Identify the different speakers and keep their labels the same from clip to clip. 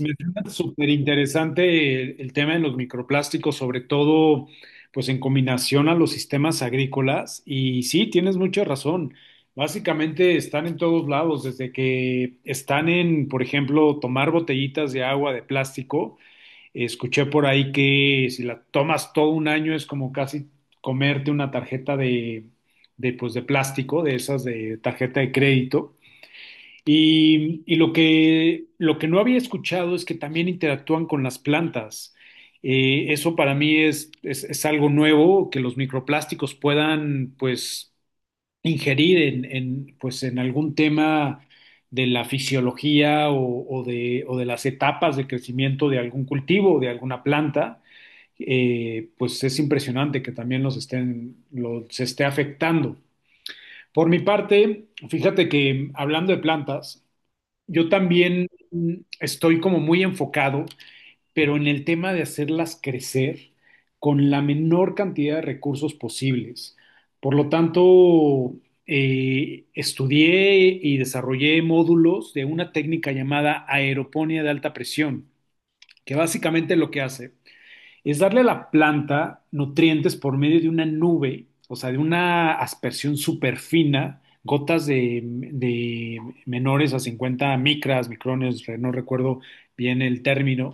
Speaker 1: Me suena súper interesante el tema de los microplásticos, sobre todo pues en combinación a los sistemas agrícolas. Y sí, tienes mucha razón. Básicamente están en todos lados, desde que están en, por ejemplo, tomar botellitas de agua de plástico. Escuché por ahí que si la tomas todo un año es como casi comerte una tarjeta de, de plástico, de esas de tarjeta de crédito. Y lo que no había escuchado es que también interactúan con las plantas. Eso para mí es algo nuevo, que los microplásticos puedan pues ingerir en, pues, en algún tema de la fisiología o de las etapas de crecimiento de algún cultivo o de alguna planta. Pues es impresionante que también los esté afectando. Por mi parte, fíjate que hablando de plantas, yo también estoy como muy enfocado, pero en el tema de hacerlas crecer con la menor cantidad de recursos posibles. Por lo tanto, estudié y desarrollé módulos de una técnica llamada aeroponía de alta presión, que básicamente lo que hace es darle a la planta nutrientes por medio de una nube, o sea, de una aspersión súper fina, gotas de menores a 50 micras, micrones, no recuerdo bien el término,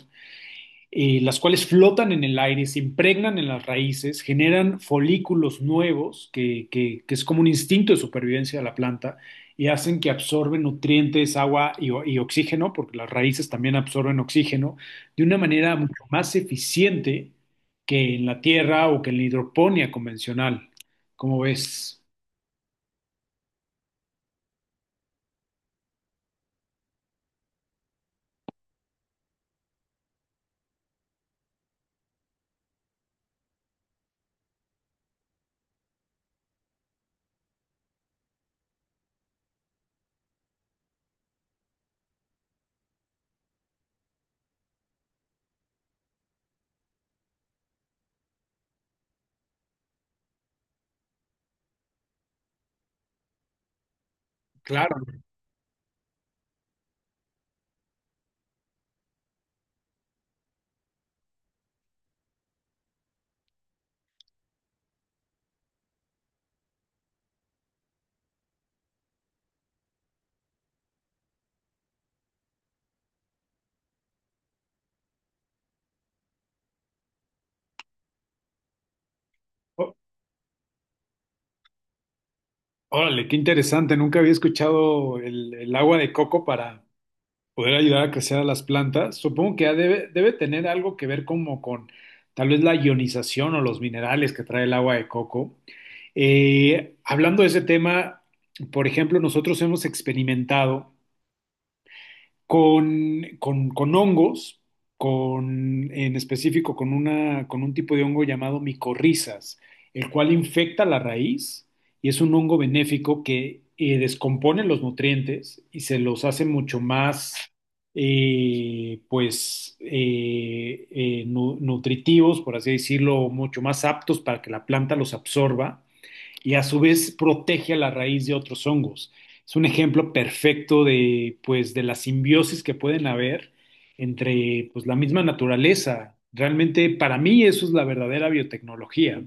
Speaker 1: las cuales flotan en el aire, se impregnan en las raíces, generan folículos nuevos, que es como un instinto de supervivencia de la planta, y hacen que absorben nutrientes, agua y oxígeno, porque las raíces también absorben oxígeno, de una manera mucho más eficiente que en la tierra o que en la hidroponía convencional. ¿Cómo ves? Claro. Ó- Órale, qué interesante. Nunca había escuchado el agua de coco para poder ayudar a crecer a las plantas. Supongo que ya debe tener algo que ver como con tal vez la ionización o los minerales que trae el agua de coco. Hablando de ese tema, por ejemplo, nosotros hemos experimentado con hongos, en específico con un tipo de hongo llamado micorrizas, el cual infecta la raíz y es un hongo benéfico que descompone los nutrientes y se los hace mucho más, nutritivos, por así decirlo, mucho más aptos para que la planta los absorba y a su vez protege a la raíz de otros hongos. Es un ejemplo perfecto de, pues, de la simbiosis que pueden haber entre, pues, la misma naturaleza. Realmente, para mí, eso es la verdadera biotecnología.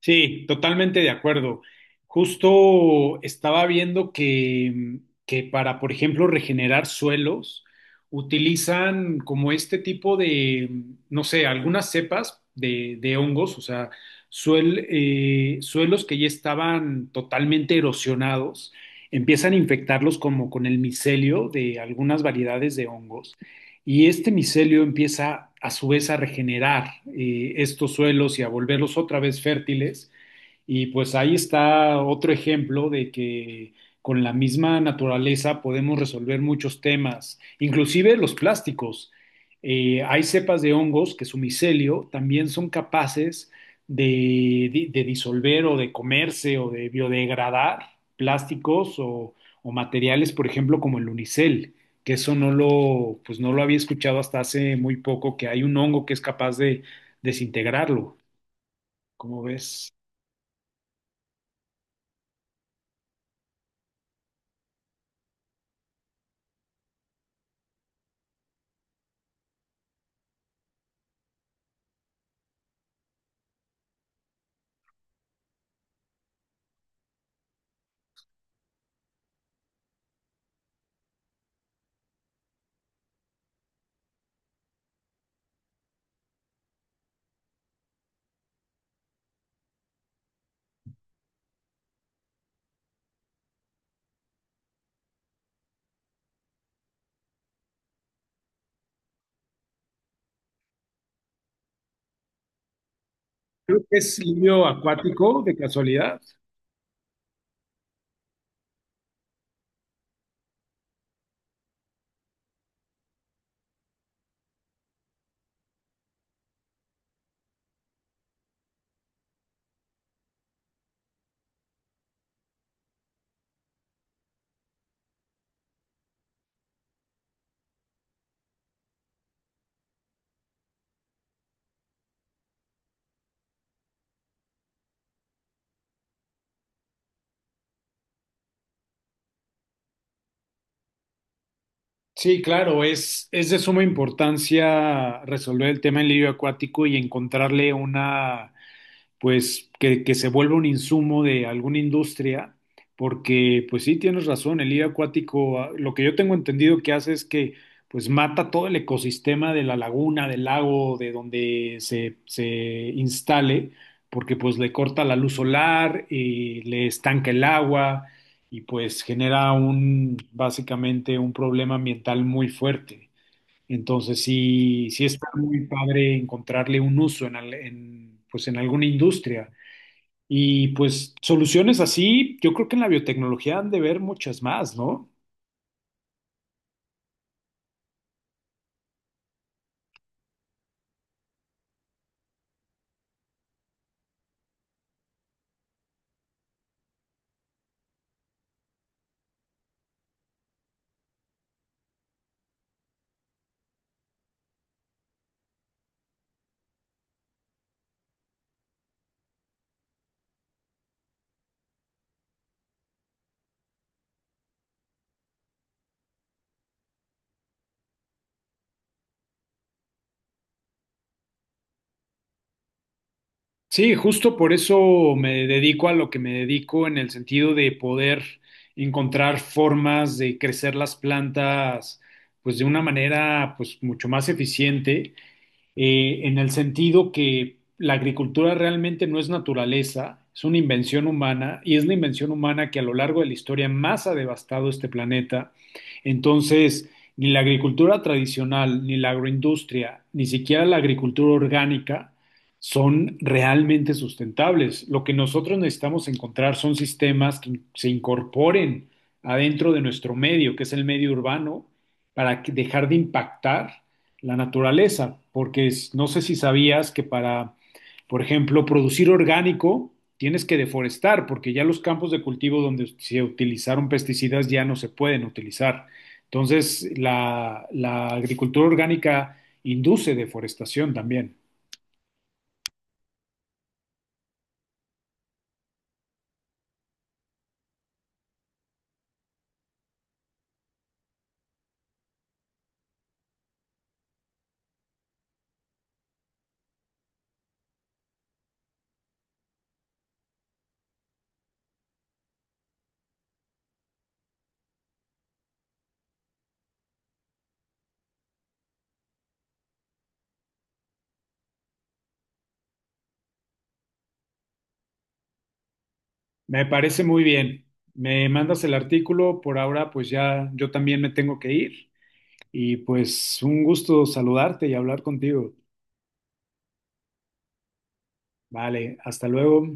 Speaker 1: Sí, totalmente de acuerdo. Justo estaba viendo que para, por ejemplo, regenerar suelos, utilizan como este tipo de, no sé, algunas cepas de hongos, o sea, suelos que ya estaban totalmente erosionados, empiezan a infectarlos como con el micelio de algunas variedades de hongos. Y este micelio empieza a su vez a regenerar estos suelos y a volverlos otra vez fértiles y pues ahí está otro ejemplo de que con la misma naturaleza podemos resolver muchos temas, inclusive los plásticos. Hay cepas de hongos que su micelio también son capaces de disolver o de comerse o de biodegradar plásticos o materiales, por ejemplo, como el unicel, que eso pues no lo había escuchado hasta hace muy poco, que hay un hongo que es capaz de desintegrarlo. ¿Cómo ves? Creo que es lirio acuático, de casualidad. Sí, claro, es de suma importancia resolver el tema del lirio acuático y encontrarle una pues que se vuelva un insumo de alguna industria, porque pues sí, tienes razón, el lirio acuático, ah, lo que yo tengo entendido que hace es que pues mata todo el ecosistema de la laguna, del lago, de donde se instale, porque pues le corta la luz solar, y le estanca el agua y pues genera un, básicamente un problema ambiental muy fuerte. Entonces sí está muy padre encontrarle un uso en, pues en alguna industria. Y pues soluciones así, yo creo que en la biotecnología han de ver muchas más, ¿no? Sí, justo por eso me dedico a lo que me dedico en el sentido de poder encontrar formas de crecer las plantas pues de una manera pues mucho más eficiente en el sentido que la agricultura realmente no es naturaleza, es una invención humana y es la invención humana que a lo largo de la historia más ha devastado este planeta. Entonces, ni la agricultura tradicional, ni la agroindustria, ni siquiera la agricultura orgánica son realmente sustentables. Lo que nosotros necesitamos encontrar son sistemas que se incorporen adentro de nuestro medio, que es el medio urbano, para que- dejar de impactar la naturaleza, porque es- no sé si sabías que para, por ejemplo, producir orgánico, tienes que deforestar, porque ya los campos de cultivo donde se utilizaron pesticidas ya no se pueden utilizar. Entonces, la agricultura orgánica induce deforestación también. Me parece muy bien. Me mandas el artículo, por ahora pues ya yo también me tengo que ir y pues un gusto saludarte y hablar contigo. Vale, hasta luego.